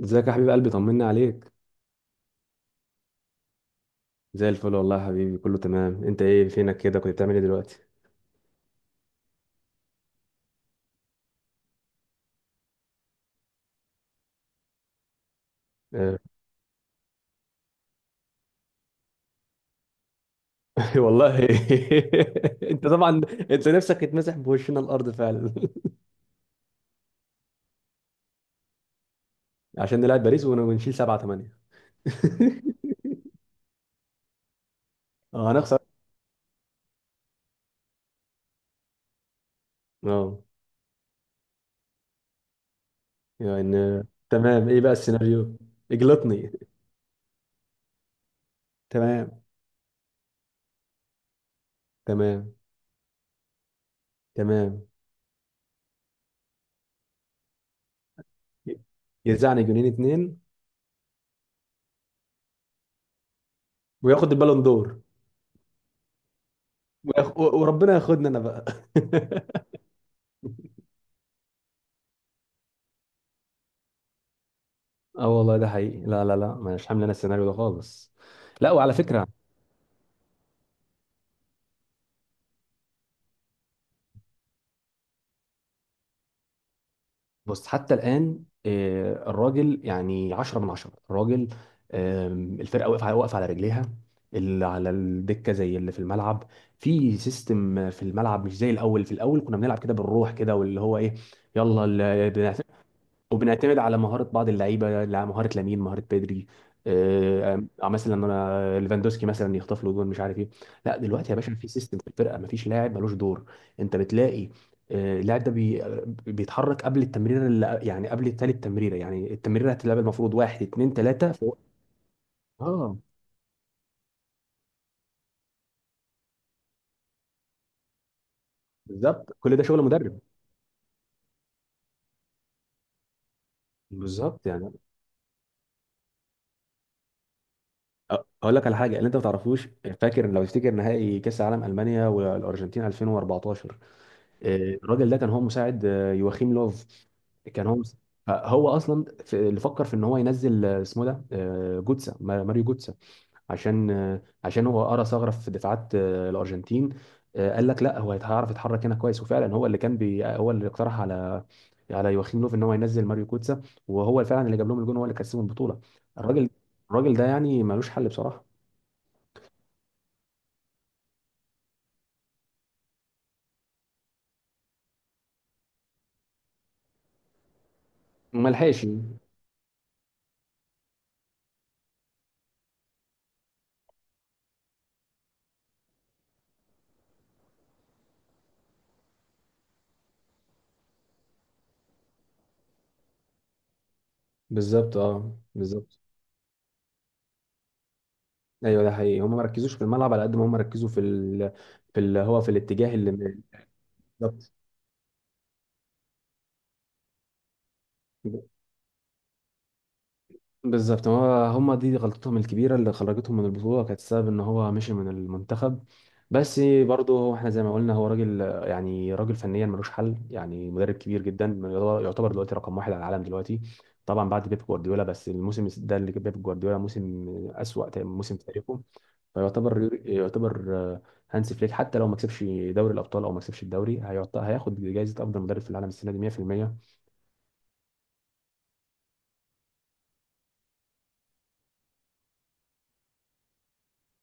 ازيك يا حبيب قلبي، طمنا عليك. زي الفل والله يا حبيبي، كله تمام. انت ايه فينك كده؟ كنت بتعمل ايه دلوقتي؟ اه، والله. انت طبعا انت نفسك تتمسح بوشنا الارض فعلا. عشان نلعب باريس ونشيل سبعة تمانية. اه هنخسر. اه، يعني تمام، ايه بقى السيناريو؟ اجلطني. تمام. تمام. تمام. يرزعني جنين اتنين. وياخد البالون دور. وربنا ياخدنا انا بقى. اه والله ده حقيقي، لا لا لا، مش حامل انا السيناريو ده خالص. لا، وعلى فكره، بص حتى الان الراجل يعني 10 من 10 الراجل. الفرقه واقفه واقفه على رجليها، اللي على الدكه زي اللي في الملعب، في سيستم في الملعب مش زي الاول. في الاول كنا بنلعب كده بالروح كده واللي هو ايه، يلا. وبنعتمد على مهارة بعض اللعيبة، مهارة لامين، مهارة بيدري. مثلا انا ليفاندوسكي مثلا يخطف له جول مش عارف ايه. لا دلوقتي يا باشا في سيستم في الفرقة، مفيش لاعب ملوش دور. انت بتلاقي اللاعب ده بي آه، بيتحرك قبل التمريره اللي يعني قبل التالت تمريره. يعني التمريره هتتلعب المفروض واحد اتنين تلاته فوق. اه بالظبط، كل ده شغل مدرب. بالظبط يعني. أ- اقول لك على حاجه اللي انت ما تعرفوش. فاكر لو تفتكر نهائي كاس العالم المانيا والارجنتين 2014؟ الراجل ده كان هو مساعد يواخيم لوف. كان هو مس- فهو اصلا اللي فكر في ان هو ينزل اسمه ده، آه، جوتسا ما- ماريو جوتسا. عشان هو قرا ثغره في دفاعات الارجنتين. قال لك لا، هو هيعرف يتحرك هنا كويس. وفعلا هو اللي كان هو اللي اقترح على يواخيم لوف ان هو ينزل ماريو جوتسا. وهو فعلا اللي جاب لهم الجون، هو اللي كسبهم البطوله. الراجل، الراجل ده يعني ملوش حل بصراحه. ما لحقش. بالظبط اه بالظبط. ايوه ده حقيقي، هم ما ركزوش في الملعب على قد ما هم ركزوا في في اللي هو في الاتجاه اللي. بالظبط. بالظبط، هو هم دي غلطتهم الكبيره اللي خرجتهم من البطوله كانت السبب ان هو مشي من المنتخب. بس برضه هو، احنا زي ما قلنا، هو راجل، يعني راجل فنيا ملوش حل، يعني مدرب كبير جدا. يعتبر دلوقتي رقم واحد على العالم دلوقتي، طبعا بعد بيب جوارديولا. بس الموسم ده اللي بيب جوارديولا، موسم اسوأ موسم في تاريخه. يعتبر هانسي فليك حتى لو ما كسبش دوري الابطال او ما كسبش الدوري، هياخد جائزه افضل مدرب في العالم السنه دي 100%.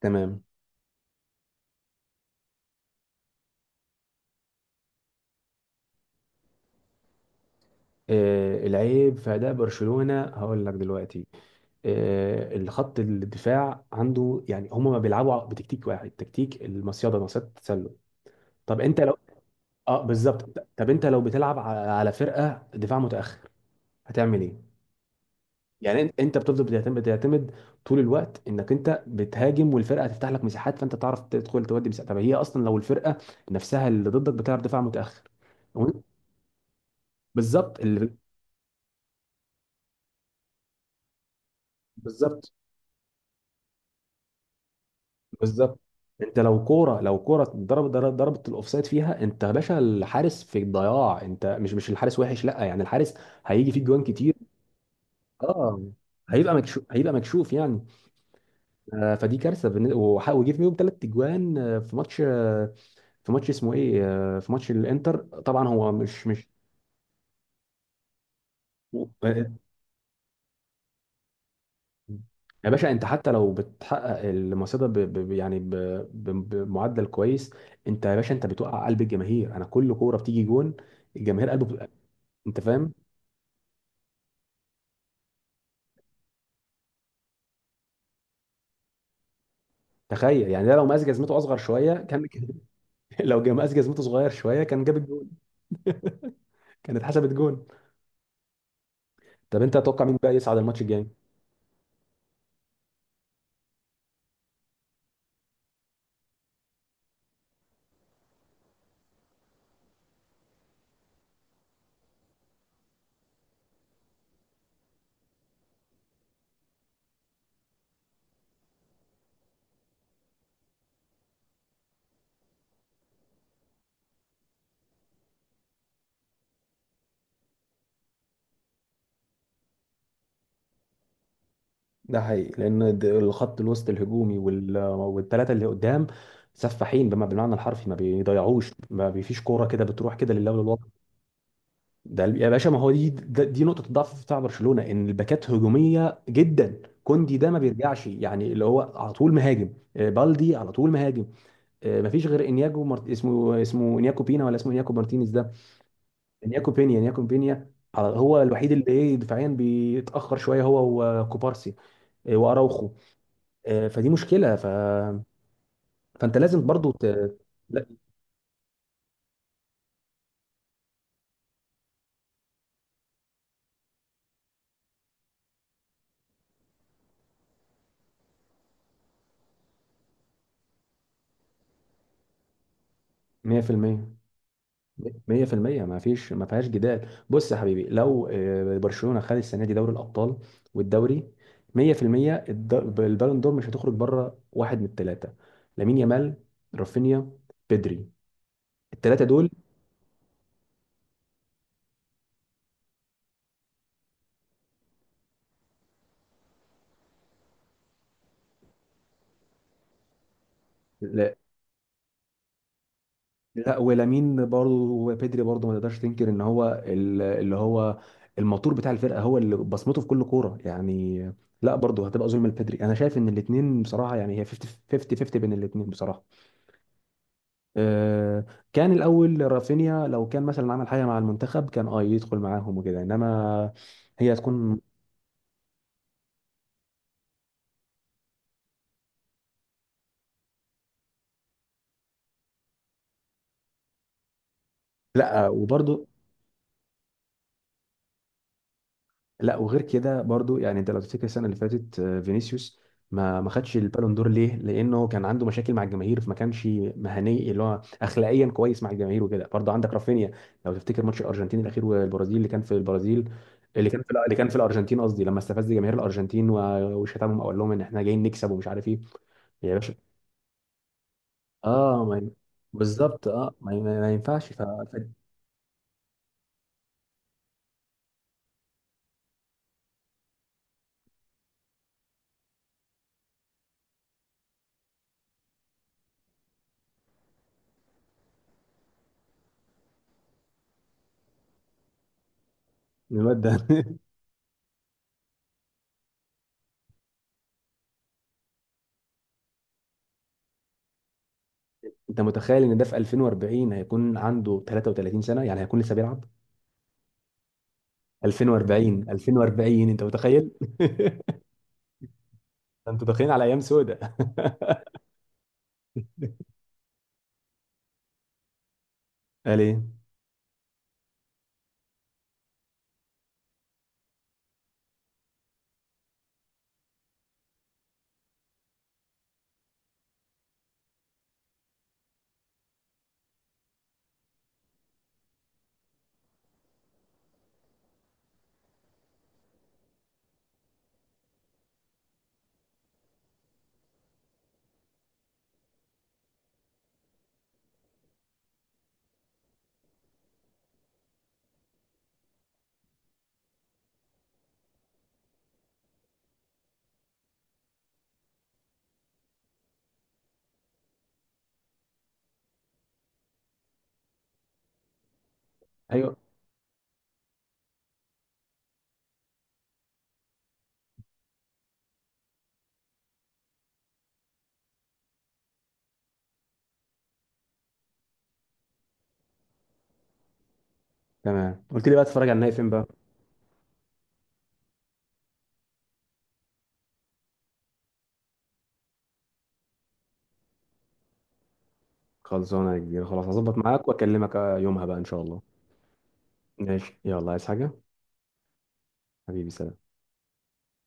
تمام. العيب في اداء برشلونه هقول لك دلوقتي. الخط الدفاع عنده، يعني هم ما بيلعبوا بتكتيك واحد، تكتيك المصيده، مصيده التسلل. طب انت لو، اه بالظبط. طب انت لو بتلعب على فرقه دفاع متاخر، هتعمل ايه؟ يعني انت بتفضل بتعتمد طول الوقت انك انت بتهاجم والفرقه هتفتح لك مساحات، فانت تعرف تدخل تودي مساحات. طب هي اصلا لو الفرقه نفسها اللي ضدك بتلعب دفاع متاخر وانت- بالظبط، اللي بالظبط. بالظبط، انت لو كوره، ضربت الاوفسايد فيها، انت يا باشا الحارس في الضياع. انت، مش الحارس وحش، لا يعني الحارس هيجي فيك جوان كتير. اه، هيبقى مكشوف هيبقى مكشوف يعني. فدي كارثه. وجه فيهم ثلاث اجوان في ماتش، في ماتش اسمه ايه، في ماتش الانتر. طبعا هو مش. آه، يا باشا انت حتى لو بتحقق المصيدة بمعدل كويس، انت يا باشا انت بتوقع قلب الجماهير. انا كل كورة بتيجي جون، الجماهير انت فاهم. تخيل يعني ده، لو مقاس جزمته اصغر شوية كان لو مقاس جزمته صغير شوية كان جاب الجون، كانت حسبت جون. طب انت تتوقع مين بقى يصعد الماتش الجاي؟ ده حقيقي، لان الخط الوسط الهجومي والثلاثه اللي قدام سفاحين، بالمعنى الحرفي، ما بيضيعوش، ما بيفيش كوره كده بتروح كده لله وللوطن. ده يا باشا، ما هو دي، دي نقطه الضعف بتاع برشلونه، ان الباكات هجوميه جدا. كوندي ده ما بيرجعش، يعني اللي هو على طول مهاجم، بالدي على طول مهاجم. ما فيش غير اسمه انياكو بينا، ولا اسمه انياكو مارتينيز ده؟ انياكو بينيا، انياكو بينيا، هو الوحيد اللي ايه دفاعيا بيتاخر شويه، هو وكوبارسي، واراوخو. فدي مشكلة فأنت لازم برضو لا. 100%، 100%، ما فيش، ما فيهاش جدال. بص يا حبيبي، لو برشلونة خد السنة دي دوري الأبطال والدوري، 100%، البالون دور مش هتخرج بره واحد من الثلاثة: لامين يامال، رافينيا، بيدري. الثلاثة دول. لا ولامين برضه، وبيدري برضه ما تقدرش تنكر ان هو اللي هو الموتور بتاع الفرقه، هو اللي بصمته في كل كوره يعني. لا برضه هتبقى ظلم لبيدري. انا شايف ان الاثنين بصراحه، يعني هي 50 50 50 بين الاثنين بصراحه. أه، كان الاول رافينيا لو كان مثلا عمل حاجه مع المنتخب كان اه يدخل معاهم وكده، انما هي هتكون. لا وبرضه، لا وغير كده برضو، يعني انت لو تفتكر السنه اللي فاتت فينيسيوس ما خدش البالون دور ليه؟ لانه كان عنده مشاكل مع الجماهير، فما كانش مهني اللي هو اخلاقيا كويس مع الجماهير وكده. برضو عندك رافينيا، لو تفتكر ماتش الارجنتين الاخير والبرازيل اللي كان في البرازيل، اللي كان في الارجنتين قصدي، لما استفز جماهير الارجنتين وشتمهم وقال لهم ان احنا جايين نكسب ومش عارف ايه. يا باشا اه ما ين- بالظبط. اه ما ينفعش الواد ده. انت متخيل ان ده في 2040 هيكون عنده 33 سنه يعني هيكون لسه بيلعب؟ 2040، 2040، انت متخيل؟ انتوا داخلين على ايام سودة. قال ايه؟ ايوه. تمام، قلت لي بقى تتفرج على النهائي فين بقى؟ خلصانه يا كبير، خلاص هظبط معاك واكلمك يومها بقى ان شاء الله. ماشي يلا، عايز حاجه؟ حبيبي سلام.